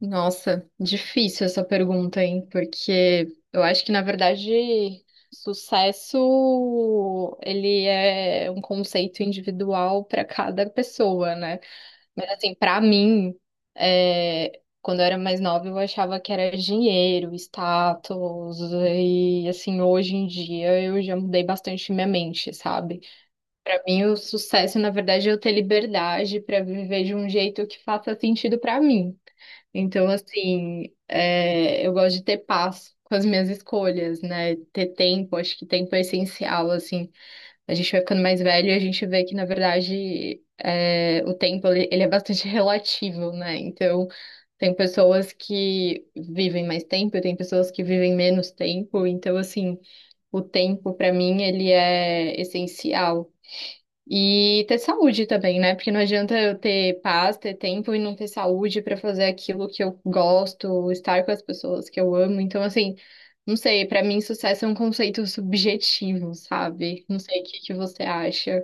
Nossa, difícil essa pergunta, hein? Porque eu acho que, na verdade, sucesso ele é um conceito individual para cada pessoa, né? Mas assim, para mim, quando eu era mais nova, eu achava que era dinheiro, status, e assim, hoje em dia eu já mudei bastante minha mente, sabe? Para mim, o sucesso, na verdade, é eu ter liberdade para viver de um jeito que faça sentido para mim. Então, assim, eu gosto de ter paz com as minhas escolhas, né? Ter tempo, acho que tempo é essencial, assim. A gente vai ficando mais velho e a gente vê que, na verdade, o tempo, ele é bastante relativo, né? Então, tem pessoas que vivem mais tempo, tem pessoas que vivem menos tempo. Então, assim, o tempo, para mim, ele é essencial. E ter saúde também, né? Porque não adianta eu ter paz, ter tempo e não ter saúde pra fazer aquilo que eu gosto, estar com as pessoas que eu amo. Então, assim, não sei, pra mim sucesso é um conceito subjetivo, sabe? Não sei o que que você acha.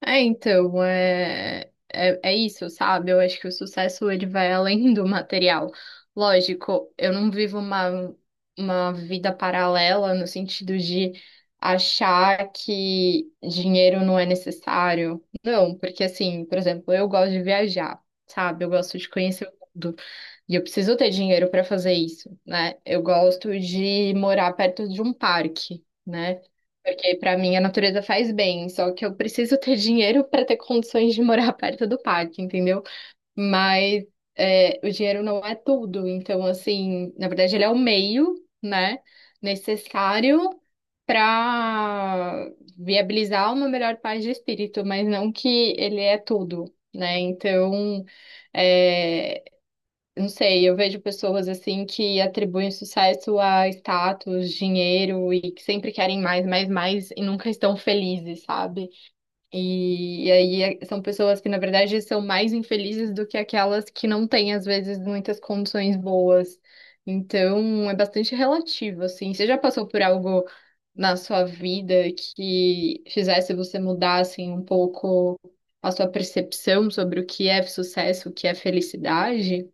É, então, é isso, sabe? Eu acho que o sucesso ele vai além do material. Lógico, eu não vivo uma vida paralela no sentido de achar que dinheiro não é necessário. Não, porque assim, por exemplo, eu gosto de viajar, sabe? Eu gosto de conhecer o mundo. E eu preciso ter dinheiro para fazer isso, né? Eu gosto de morar perto de um parque, né? Porque pra mim a natureza faz bem, só que eu preciso ter dinheiro pra ter condições de morar perto do parque, entendeu? Mas o dinheiro não é tudo, então assim, na verdade ele é o meio, né, necessário pra viabilizar uma melhor paz de espírito, mas não que ele é tudo, né? Então, é, não sei, eu vejo pessoas assim que atribuem sucesso a status, dinheiro e que sempre querem mais, mais, mais e nunca estão felizes, sabe? São pessoas que, na verdade, são mais infelizes do que aquelas que não têm, às vezes, muitas condições boas. Então, é bastante relativo, assim. Você já passou por algo na sua vida que fizesse você mudar, assim, um pouco a sua percepção sobre o que é sucesso, o que é felicidade?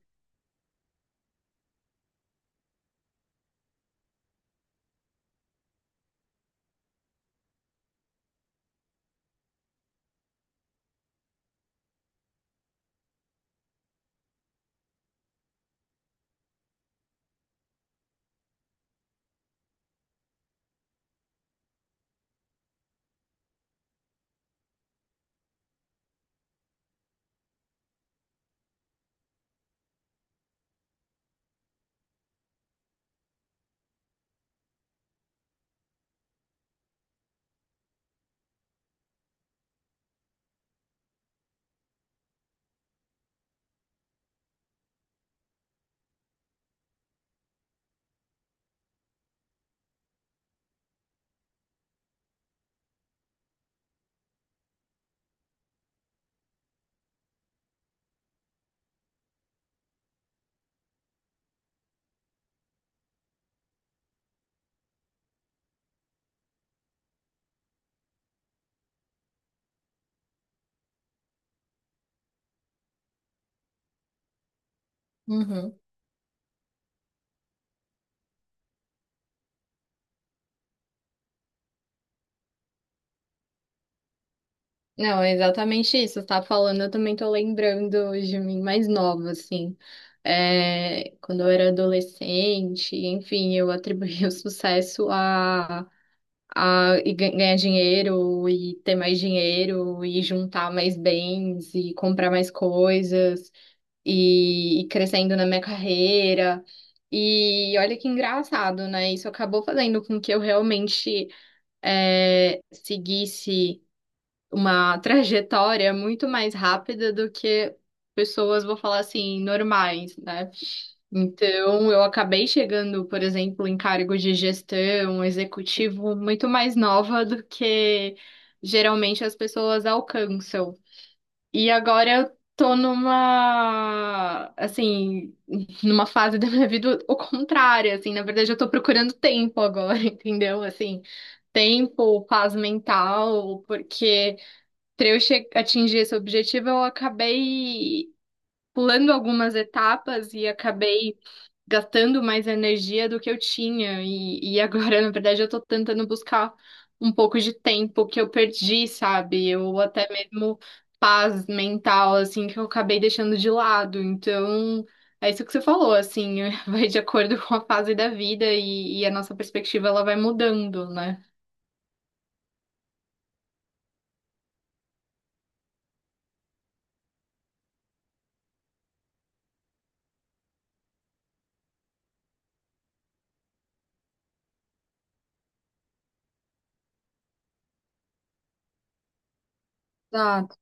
Uhum. Não, é exatamente isso. Você tá falando, eu também tô lembrando de mim mais nova, assim. É, quando eu era adolescente, enfim, eu atribuía o sucesso a ganhar dinheiro e ter mais dinheiro e juntar mais bens e comprar mais coisas e crescendo na minha carreira. E olha que engraçado, né? Isso acabou fazendo com que eu realmente seguisse uma trajetória muito mais rápida do que pessoas, vou falar assim, normais, né? Então, eu acabei chegando, por exemplo, em cargos de gestão, executivo, muito mais nova do que geralmente as pessoas alcançam. E agora eu tô numa, assim, numa fase da minha vida o contrário, assim, na verdade eu tô procurando tempo agora, entendeu? Assim, tempo, paz mental, porque para eu atingir esse objetivo, eu acabei pulando algumas etapas e acabei gastando mais energia do que eu tinha. E agora, na verdade, eu tô tentando buscar um pouco de tempo que eu perdi, sabe? Ou até mesmo paz mental, assim, que eu acabei deixando de lado. Então, é isso que você falou, assim, vai de acordo com a fase da vida e a nossa perspectiva ela vai mudando, né? Exato.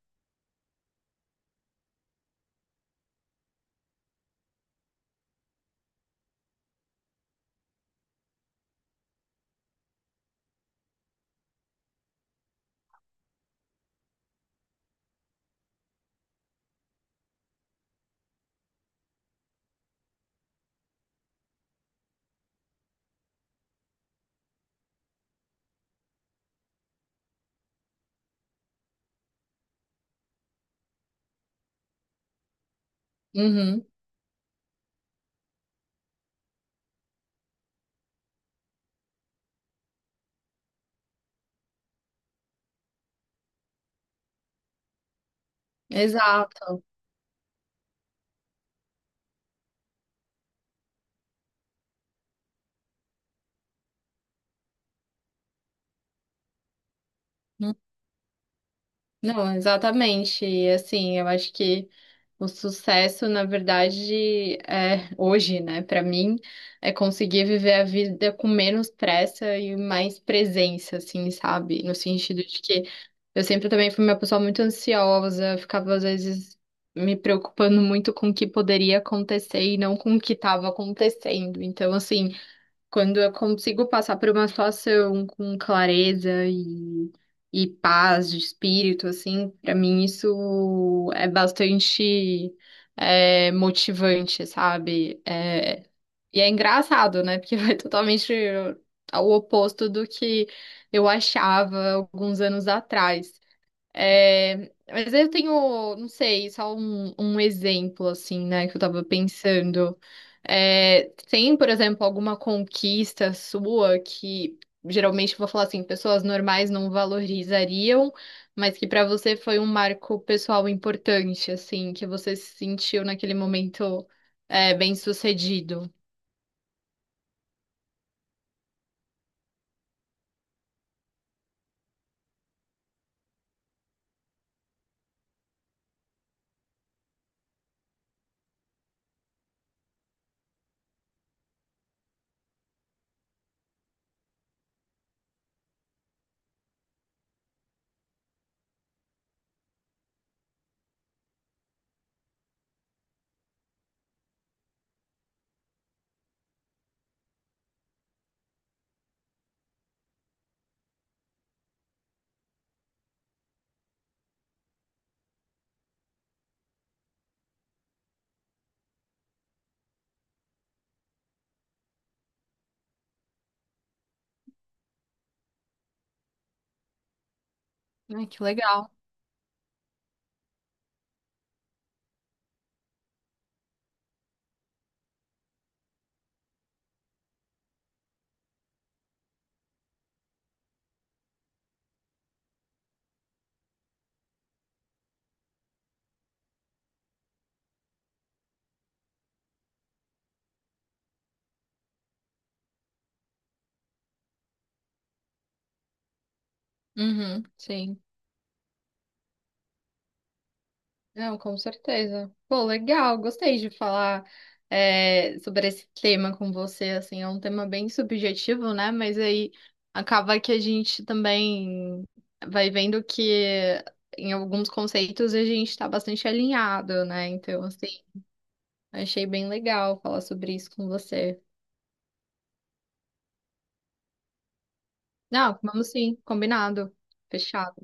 Uhum. Exato. Não, exatamente. E assim, eu acho que o sucesso, na verdade, é hoje, né? Para mim, é conseguir viver a vida com menos pressa e mais presença, assim, sabe? No sentido de que eu sempre também fui uma pessoa muito ansiosa, ficava às vezes me preocupando muito com o que poderia acontecer e não com o que estava acontecendo. Então, assim, quando eu consigo passar por uma situação com clareza e paz de espírito, assim, pra mim isso é bastante motivante, sabe? É, e é engraçado, né? Porque vai totalmente ao oposto do que eu achava alguns anos atrás. É, mas eu tenho, não sei, só um exemplo, assim, né, que eu tava pensando. É, tem, por exemplo, alguma conquista sua que, geralmente, eu vou falar assim, pessoas normais não valorizariam, mas que pra você foi um marco pessoal importante, assim, que você se sentiu naquele momento, bem-sucedido. Ai, que legal. Uhum, sim. Não, com certeza. Pô, legal, gostei de falar sobre esse tema com você, assim, é um tema bem subjetivo, né? Mas aí acaba que a gente também vai vendo que em alguns conceitos a gente tá bastante alinhado, né? Então, assim, achei bem legal falar sobre isso com você. Não, vamos sim, combinado, fechado.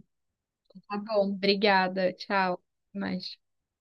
Tá bom, obrigada, tchau. Até mais.